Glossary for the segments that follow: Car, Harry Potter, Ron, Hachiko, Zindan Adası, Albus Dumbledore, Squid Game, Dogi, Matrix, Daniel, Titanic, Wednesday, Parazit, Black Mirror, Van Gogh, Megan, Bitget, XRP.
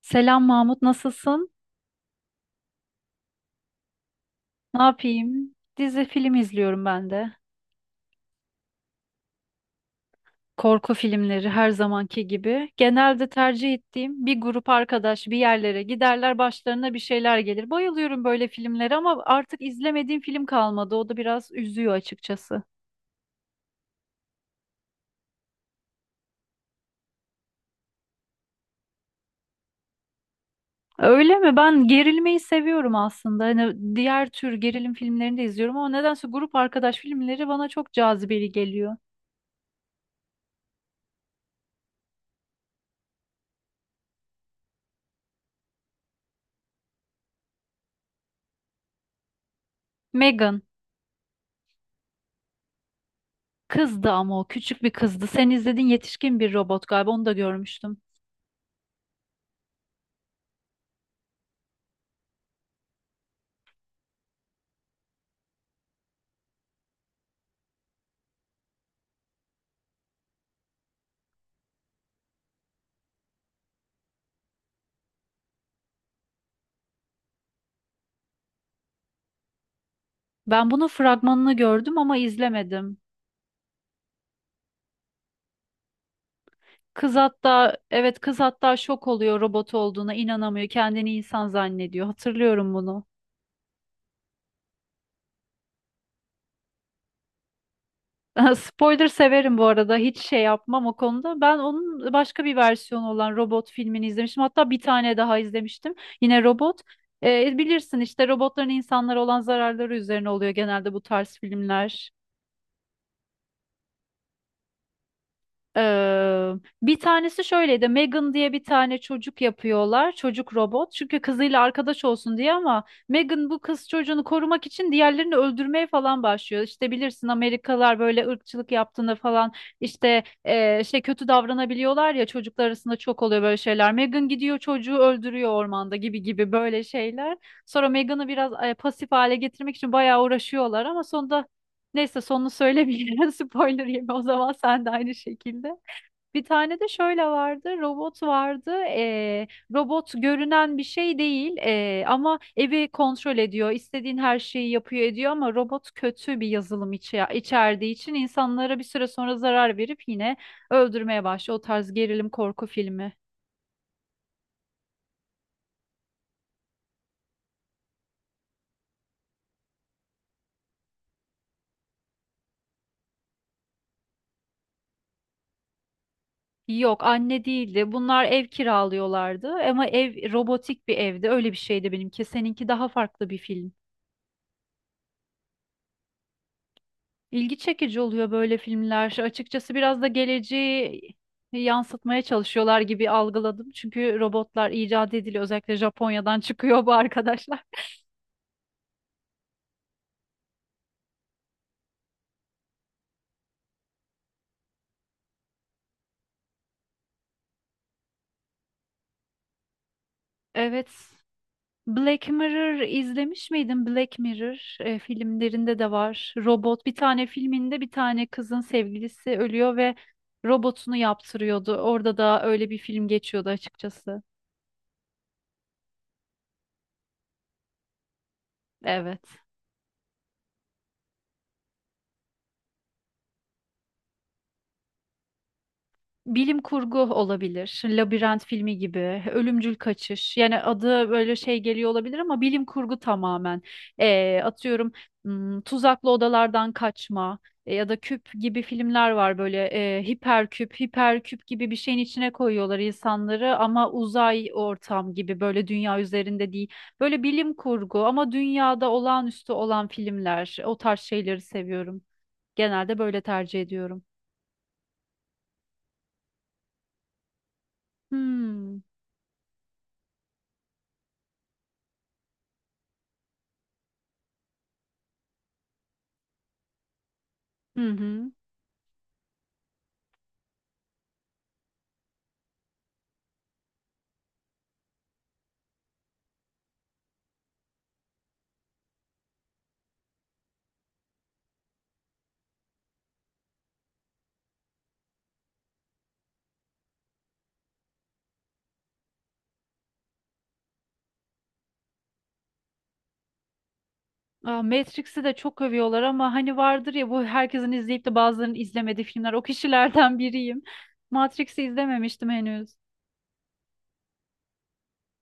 Selam Mahmut, nasılsın? Ne yapayım? Dizi film izliyorum ben de. Korku filmleri her zamanki gibi. Genelde tercih ettiğim bir grup arkadaş bir yerlere giderler, başlarına bir şeyler gelir. Bayılıyorum böyle filmlere ama artık izlemediğim film kalmadı. O da biraz üzüyor açıkçası. Öyle mi? Ben gerilmeyi seviyorum aslında. Hani diğer tür gerilim filmlerini de izliyorum ama nedense grup arkadaş filmleri bana çok cazibeli geliyor. Megan. Kızdı ama o küçük bir kızdı. Sen izledin yetişkin bir robot galiba onu da görmüştüm. Ben bunun fragmanını gördüm ama izlemedim. Kız hatta evet kız hatta şok oluyor robot olduğuna inanamıyor. Kendini insan zannediyor. Hatırlıyorum bunu. Spoiler severim bu arada. Hiç şey yapmam o konuda. Ben onun başka bir versiyonu olan robot filmini izlemiştim. Hatta bir tane daha izlemiştim. Yine robot. Bilirsin işte robotların insanlara olan zararları üzerine oluyor genelde bu tarz filmler. Ee, bir tanesi şöyleydi. Megan diye bir tane çocuk yapıyorlar. Çocuk robot. Çünkü kızıyla arkadaş olsun diye ama Megan bu kız çocuğunu korumak için diğerlerini öldürmeye falan başlıyor. İşte bilirsin Amerikalılar böyle ırkçılık yaptığında falan işte şey kötü davranabiliyorlar ya çocuklar arasında çok oluyor böyle şeyler. Megan gidiyor çocuğu öldürüyor ormanda gibi gibi böyle şeyler. Sonra Megan'ı biraz pasif hale getirmek için bayağı uğraşıyorlar ama sonunda neyse sonunu söylemeyeyim. Spoiler yeme o zaman sen de aynı şekilde. Bir tane de şöyle vardı, robot vardı. Robot görünen bir şey değil ama evi kontrol ediyor, istediğin her şeyi yapıyor ediyor ama robot kötü bir yazılım içerdiği için insanlara bir süre sonra zarar verip yine öldürmeye başlıyor. O tarz gerilim korku filmi. Yok, anne değildi. Bunlar ev kiralıyorlardı ama ev robotik bir evdi. Öyle bir şeydi benimki. Seninki daha farklı bir film. İlgi çekici oluyor böyle filmler. Açıkçası biraz da geleceği yansıtmaya çalışıyorlar gibi algıladım. Çünkü robotlar icat ediliyor. Özellikle Japonya'dan çıkıyor bu arkadaşlar. Evet. Black Mirror izlemiş miydin? Black Mirror filmlerinde de var. Robot bir tane filminde bir tane kızın sevgilisi ölüyor ve robotunu yaptırıyordu. Orada da öyle bir film geçiyordu açıkçası. Evet. Bilim kurgu olabilir. Labirent filmi gibi, Ölümcül Kaçış. Yani adı böyle şey geliyor olabilir ama bilim kurgu tamamen. Atıyorum tuzaklı odalardan kaçma ya da küp gibi filmler var böyle hiperküp, hiperküp gibi bir şeyin içine koyuyorlar insanları ama uzay ortam gibi böyle dünya üzerinde değil. Böyle bilim kurgu ama dünyada olağanüstü olan filmler. O tarz şeyleri seviyorum. Genelde böyle tercih ediyorum. Hmm. Hı hı. Aa, Matrix'i de çok övüyorlar ama hani vardır ya bu herkesin izleyip de bazılarının izlemediği filmler. O kişilerden biriyim. Matrix'i izlememiştim henüz.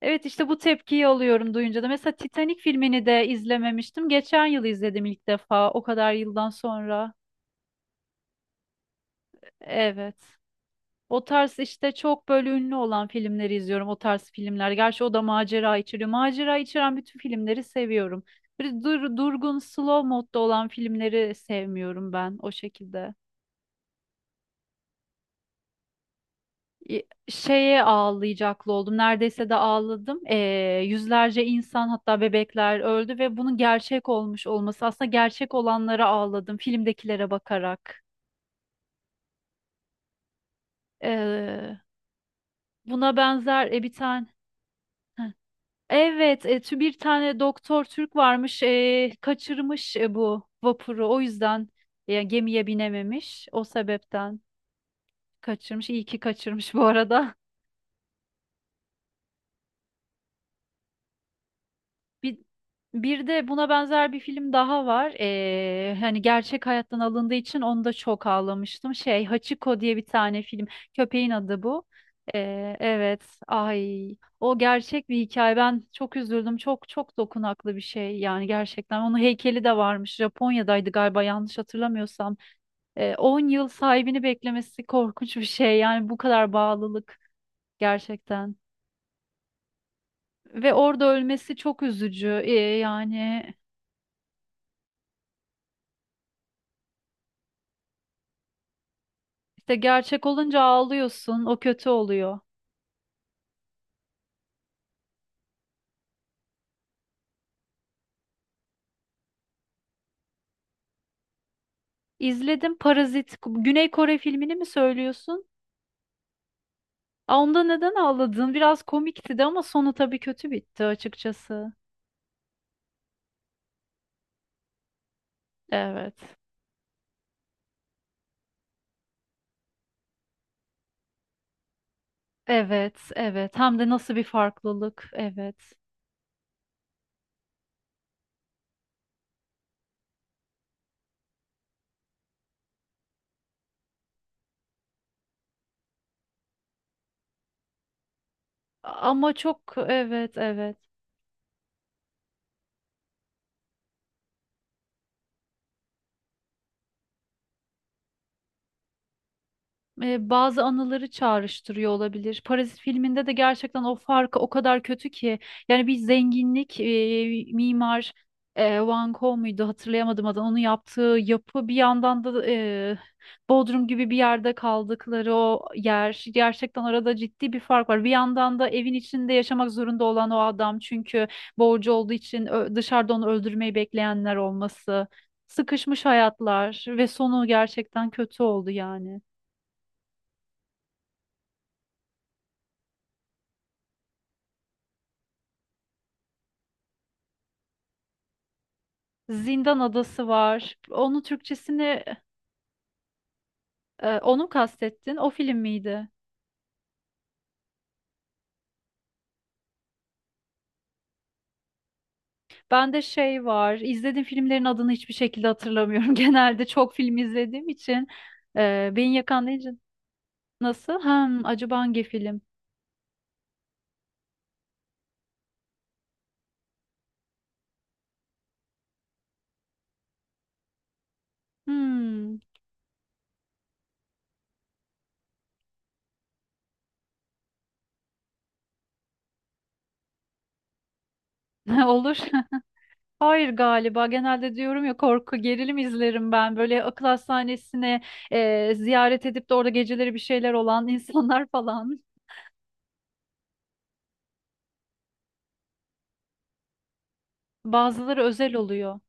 Evet işte bu tepkiyi alıyorum duyunca da. Mesela Titanic filmini de izlememiştim. Geçen yıl izledim ilk defa o kadar yıldan sonra. Evet. O tarz işte çok böyle ünlü olan filmleri izliyorum. O tarz filmler. Gerçi o da macera içeriyor. Macera içeren bütün filmleri seviyorum. Böyle dur, durgun, slow modda olan filmleri sevmiyorum ben o şekilde. Şeye ağlayacaklı oldum. Neredeyse de ağladım. Yüzlerce insan hatta bebekler öldü ve bunun gerçek olmuş olması aslında gerçek olanlara ağladım filmdekilere bakarak. Ee, buna benzer bir tane. Heh. Evet, bir tane doktor Türk varmış, kaçırmış bu vapuru. O yüzden gemiye binememiş. O sebepten kaçırmış. İyi ki kaçırmış bu arada. Bir, bir de buna benzer bir film daha var. Hani gerçek hayattan alındığı için onu da çok ağlamıştım. Şey Hachiko diye bir tane film. Köpeğin adı bu. Evet. Ay. O gerçek bir hikaye. Ben çok üzüldüm. Çok çok dokunaklı bir şey. Yani gerçekten. Onun heykeli de varmış. Japonya'daydı galiba yanlış hatırlamıyorsam. 10 yıl sahibini beklemesi korkunç bir şey. Yani bu kadar bağlılık gerçekten. Ve orada ölmesi çok üzücü. Yani İşte gerçek olunca ağlıyorsun, o kötü oluyor. İzledim Parazit, Güney Kore filmini mi söylüyorsun? Aa, onda neden ağladın? Biraz komikti de ama sonu tabii kötü bitti açıkçası. Evet. Evet, evet. Hem de nasıl bir farklılık. Evet. Ama çok evet, evet. Bazı anıları çağrıştırıyor olabilir. Parazit filminde de gerçekten o farkı o kadar kötü ki yani bir zenginlik mimar Van Gogh muydu hatırlayamadım adını onun yaptığı yapı bir yandan da Bodrum gibi bir yerde kaldıkları o yer gerçekten arada ciddi bir fark var. Bir yandan da evin içinde yaşamak zorunda olan o adam çünkü borcu olduğu için dışarıda onu öldürmeyi bekleyenler olması. Sıkışmış hayatlar ve sonu gerçekten kötü oldu yani. Zindan Adası var. Onun Türkçesini onu mu kastettin? O film miydi? Ben de şey var. İzlediğim filmlerin adını hiçbir şekilde hatırlamıyorum. Genelde çok film izlediğim için beni yakan deyince nasıl? Hmm, acaba hangi film? Hmm, olur. Hayır galiba. Genelde diyorum ya korku, gerilim izlerim ben. Böyle akıl hastanesine ziyaret edip de orada geceleri bir şeyler olan insanlar falan. Bazıları özel oluyor.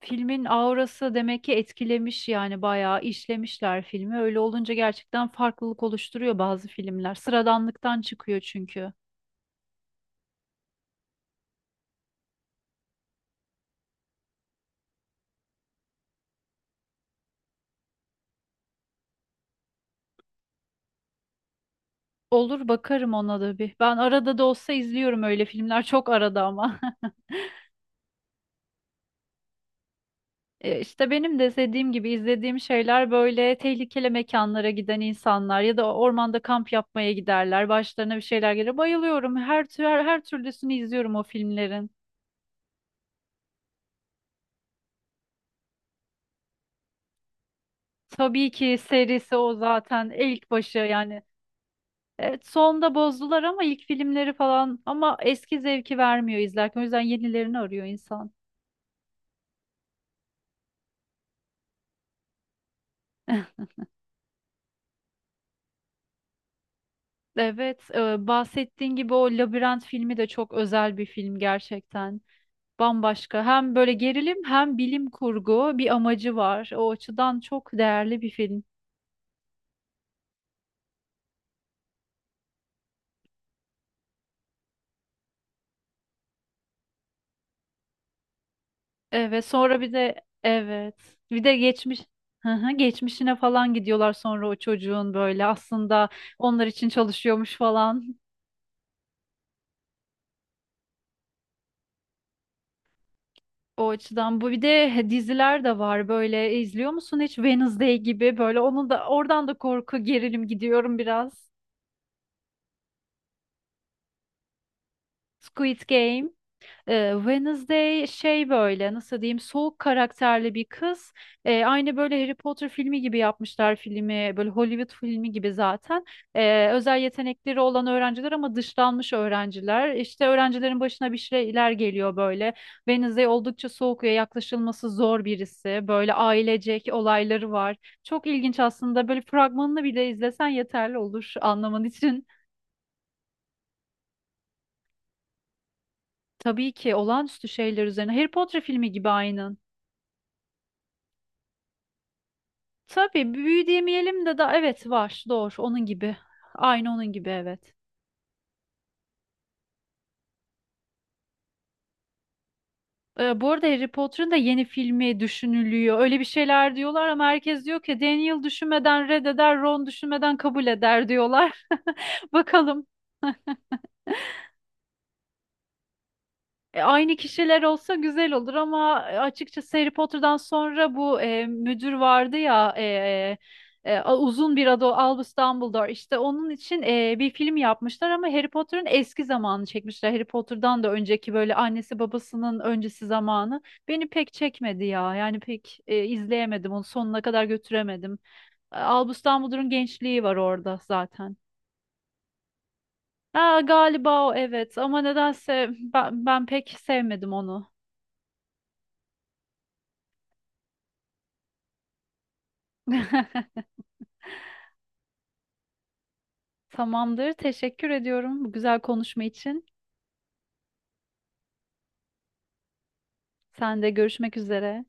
Filmin aurası demek ki etkilemiş yani bayağı işlemişler filmi. Öyle olunca gerçekten farklılık oluşturuyor bazı filmler. Sıradanlıktan çıkıyor çünkü. Olur bakarım ona da bir. Ben arada da olsa izliyorum öyle filmler. Çok arada ama. İşte benim de dediğim gibi izlediğim şeyler böyle tehlikeli mekanlara giden insanlar ya da ormanda kamp yapmaya giderler. Başlarına bir şeyler gelir. Bayılıyorum. Her tür her türlüsünü izliyorum o filmlerin. Tabii ki serisi o zaten ilk başı yani. Evet, sonda bozdular ama ilk filmleri falan ama eski zevki vermiyor izlerken. O yüzden yenilerini arıyor insan. Evet, bahsettiğin gibi o Labirent filmi de çok özel bir film gerçekten. Bambaşka. Hem böyle gerilim hem bilim kurgu bir amacı var. O açıdan çok değerli bir film. Evet, sonra bir de evet. Bir de geçmiş. Hı hı, geçmişine falan gidiyorlar sonra o çocuğun böyle aslında onlar için çalışıyormuş falan. O açıdan bu bir de diziler de var böyle. İzliyor musun hiç Wednesday gibi böyle onu da oradan da korku gerilim gidiyorum biraz. Squid Game. Wednesday şey böyle nasıl diyeyim soğuk karakterli bir kız. Aynı böyle Harry Potter filmi gibi yapmışlar filmi böyle Hollywood filmi gibi zaten. Özel yetenekleri olan öğrenciler ama dışlanmış öğrenciler. İşte öğrencilerin başına bir şeyler geliyor böyle. Wednesday oldukça soğuk ve yaklaşılması zor birisi. Böyle ailecek olayları var. Çok ilginç aslında böyle fragmanını bile izlesen yeterli olur anlaman için. Tabii ki olağanüstü şeyler üzerine. Harry Potter filmi gibi aynen. Tabii büyü demeyelim de da evet var doğru onun gibi. Aynı onun gibi evet. Bu arada Harry Potter'ın da yeni filmi düşünülüyor. Öyle bir şeyler diyorlar ama herkes diyor ki Daniel düşünmeden reddeder, Ron düşünmeden kabul eder diyorlar. Bakalım. Aynı kişiler olsa güzel olur ama açıkçası Harry Potter'dan sonra bu müdür vardı ya uzun bir adı o, Albus Dumbledore işte onun için bir film yapmışlar ama Harry Potter'ın eski zamanını çekmişler. Harry Potter'dan da önceki böyle annesi babasının öncesi zamanı beni pek çekmedi ya yani pek izleyemedim onu sonuna kadar götüremedim. Albus Dumbledore'un gençliği var orada zaten. Ha, galiba o evet ama nedense ben pek sevmedim onu. Tamamdır. Teşekkür ediyorum bu güzel konuşma için. Sen de görüşmek üzere.